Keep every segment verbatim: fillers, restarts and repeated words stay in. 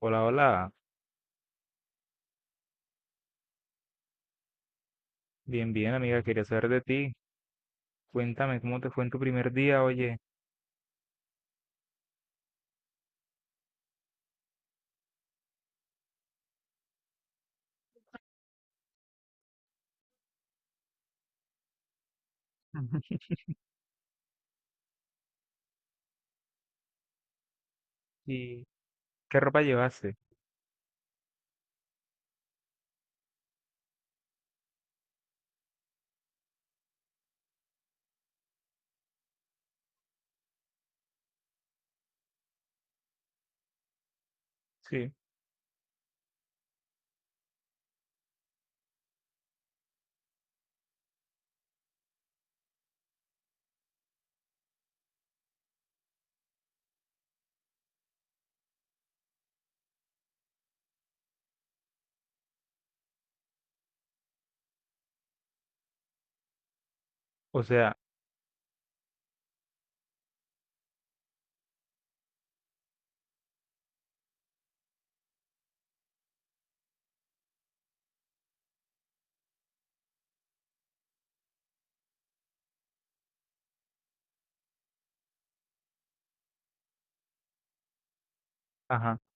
Hola, hola. Bien, bien, amiga. Quería saber de ti. Cuéntame cómo te fue en tu primer día, oye. ¿Y qué ropa llevaste? Sí. O sea, ajá. ¿O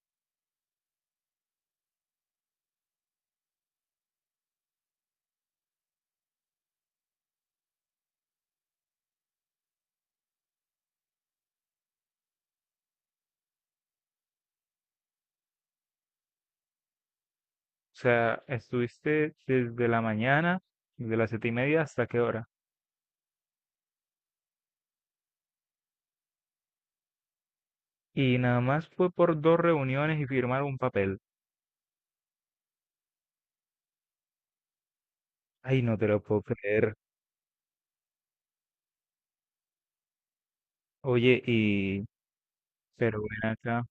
sea, estuviste desde la mañana, desde las siete y media hasta qué hora? ¿Y nada más fue por dos reuniones y firmar un papel? Ay, no te lo puedo creer. Oye, y... Pero ven acá.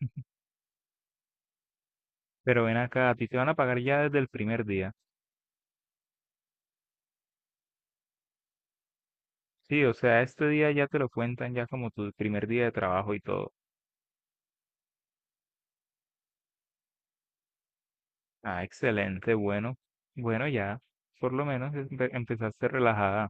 Pero ven acá, ¿a ti te van a pagar ya desde el primer día? Sí, o sea, ¿este día ya te lo cuentan ya como tu primer día de trabajo y todo? Ah, excelente, bueno, bueno ya, por lo menos empe- empezaste relajada.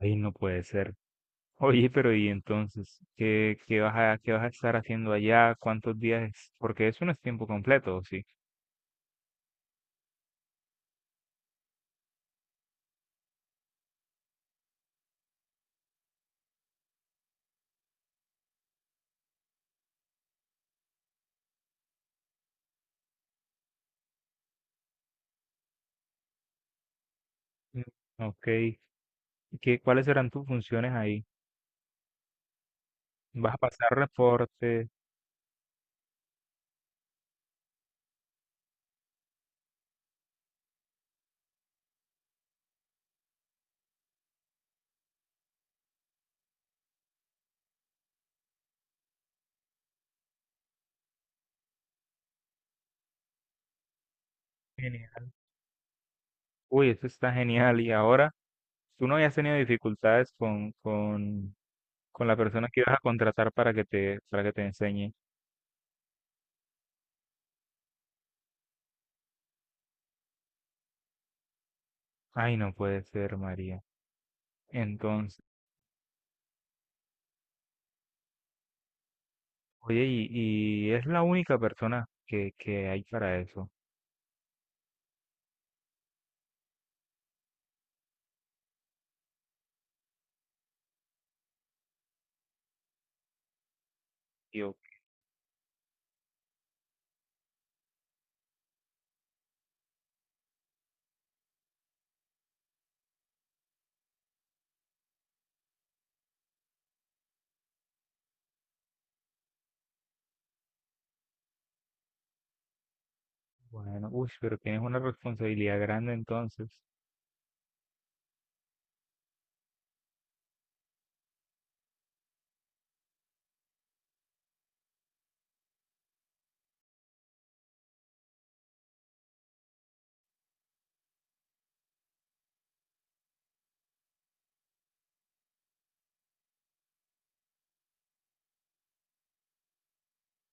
Ay, no puede ser. Oye, pero ¿y entonces qué, qué vas a, qué vas a estar haciendo allá? ¿Cuántos días? es? Porque eso no es tiempo completo, ¿o ¿sí? Mm. Ok. ¿Y ¿qué, cuáles serán tus funciones ahí? ¿Vas a pasar reportes? Genial. Uy, eso está genial. Y ahora, ¿tú no habías tenido dificultades con, con, con la persona que ibas a contratar para que te, para que te enseñe? Ay, no puede ser, María. Entonces... Oye, y, y es la única persona que, que hay para eso. Y Yo, bueno, uy, pero tienes una responsabilidad grande entonces.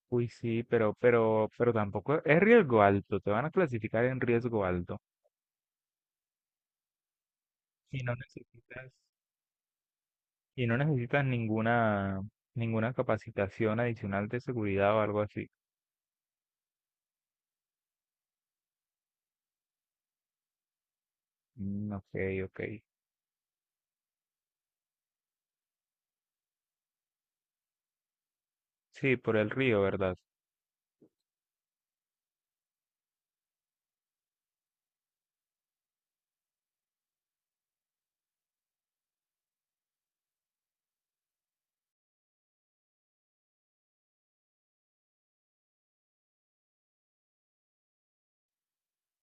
Uy, sí, pero, pero, pero tampoco es riesgo alto, te van a clasificar en riesgo alto. Y no necesitas, y no necesitas ninguna, ninguna capacitación adicional de seguridad o algo así. Mm, ok, ok. Sí, por el río, ¿verdad?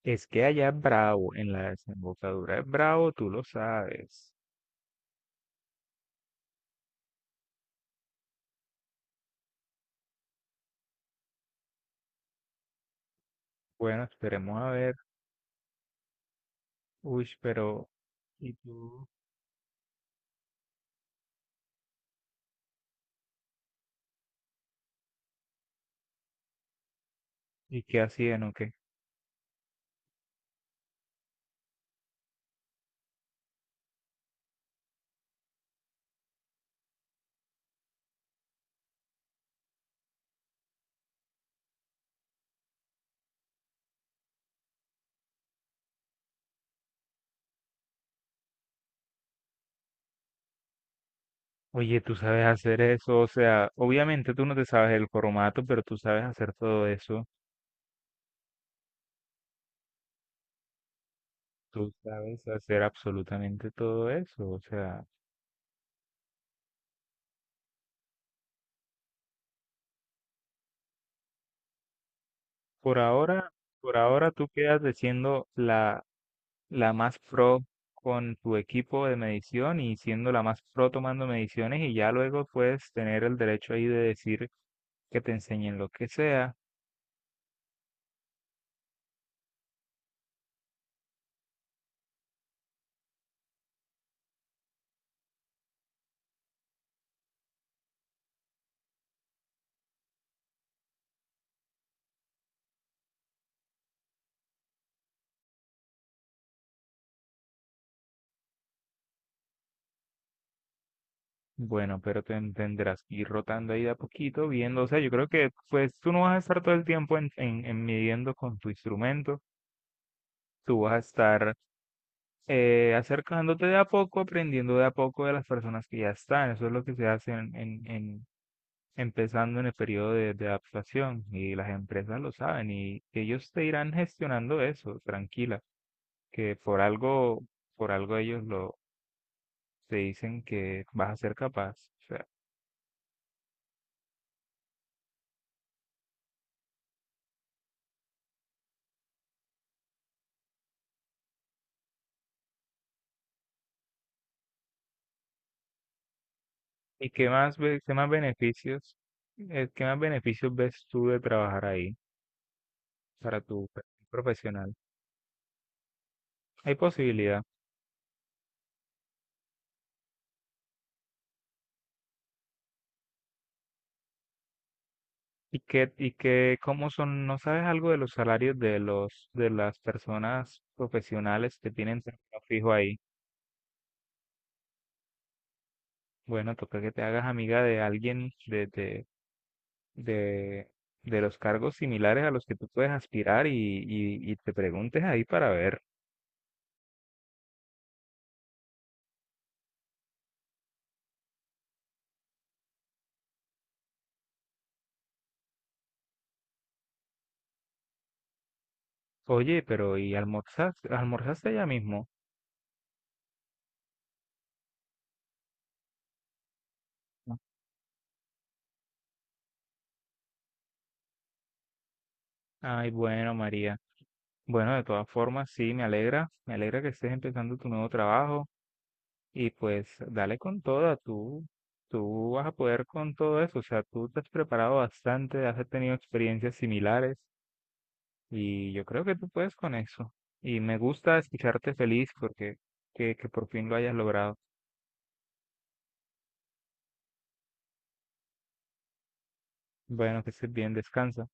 Es que allá es bravo, en la desembocadura es bravo, tú lo sabes. Bueno, esperemos a ver. Uy, pero, ¿Y tú? ¿Y qué hacían o qué? Oye, tú sabes hacer eso, o sea, obviamente tú no te sabes el formato, pero tú sabes hacer todo eso, tú sabes hacer absolutamente todo eso, o sea, por ahora, por ahora tú quedas de siendo la, la más pro con tu equipo de medición y siendo la más pro tomando mediciones y ya luego puedes tener el derecho ahí de decir que te enseñen lo que sea. Bueno, pero te tendrás que ir rotando ahí de a poquito, viendo, o sea, yo creo que pues tú no vas a estar todo el tiempo en, en, en midiendo con tu instrumento, tú vas a estar eh, acercándote de a poco, aprendiendo de a poco de las personas que ya están, eso es lo que se hace en, en, en- empezando en el periodo de, de adaptación y las empresas lo saben y ellos te irán gestionando eso, tranquila, que por algo, por algo ellos lo, te dicen que vas a ser capaz. O sea... ¿Y qué más, ve- qué más beneficios, eh, qué más beneficios ves tú de trabajar ahí para tu perfil profesional? Hay posibilidad. ¿Y qué, y qué, cómo son, no sabes algo de los salarios de los, de las personas profesionales que tienen trabajo fijo ahí? Bueno, toca que te hagas amiga de alguien de, de, de, de los cargos similares a los que tú puedes aspirar y, y, y te preguntes ahí para ver. Oye, pero ¿y almorzaste, almorzaste allá mismo? No. Ay, bueno, María. Bueno, de todas formas, sí, me alegra, me alegra que estés empezando tu nuevo trabajo y pues dale con toda, tú, tú vas a poder con todo eso, o sea, tú te has preparado bastante, has tenido experiencias similares y yo creo que tú puedes con eso. Y me gusta escucharte feliz porque que, que por fin lo hayas logrado. Bueno, que estés bien, descansa.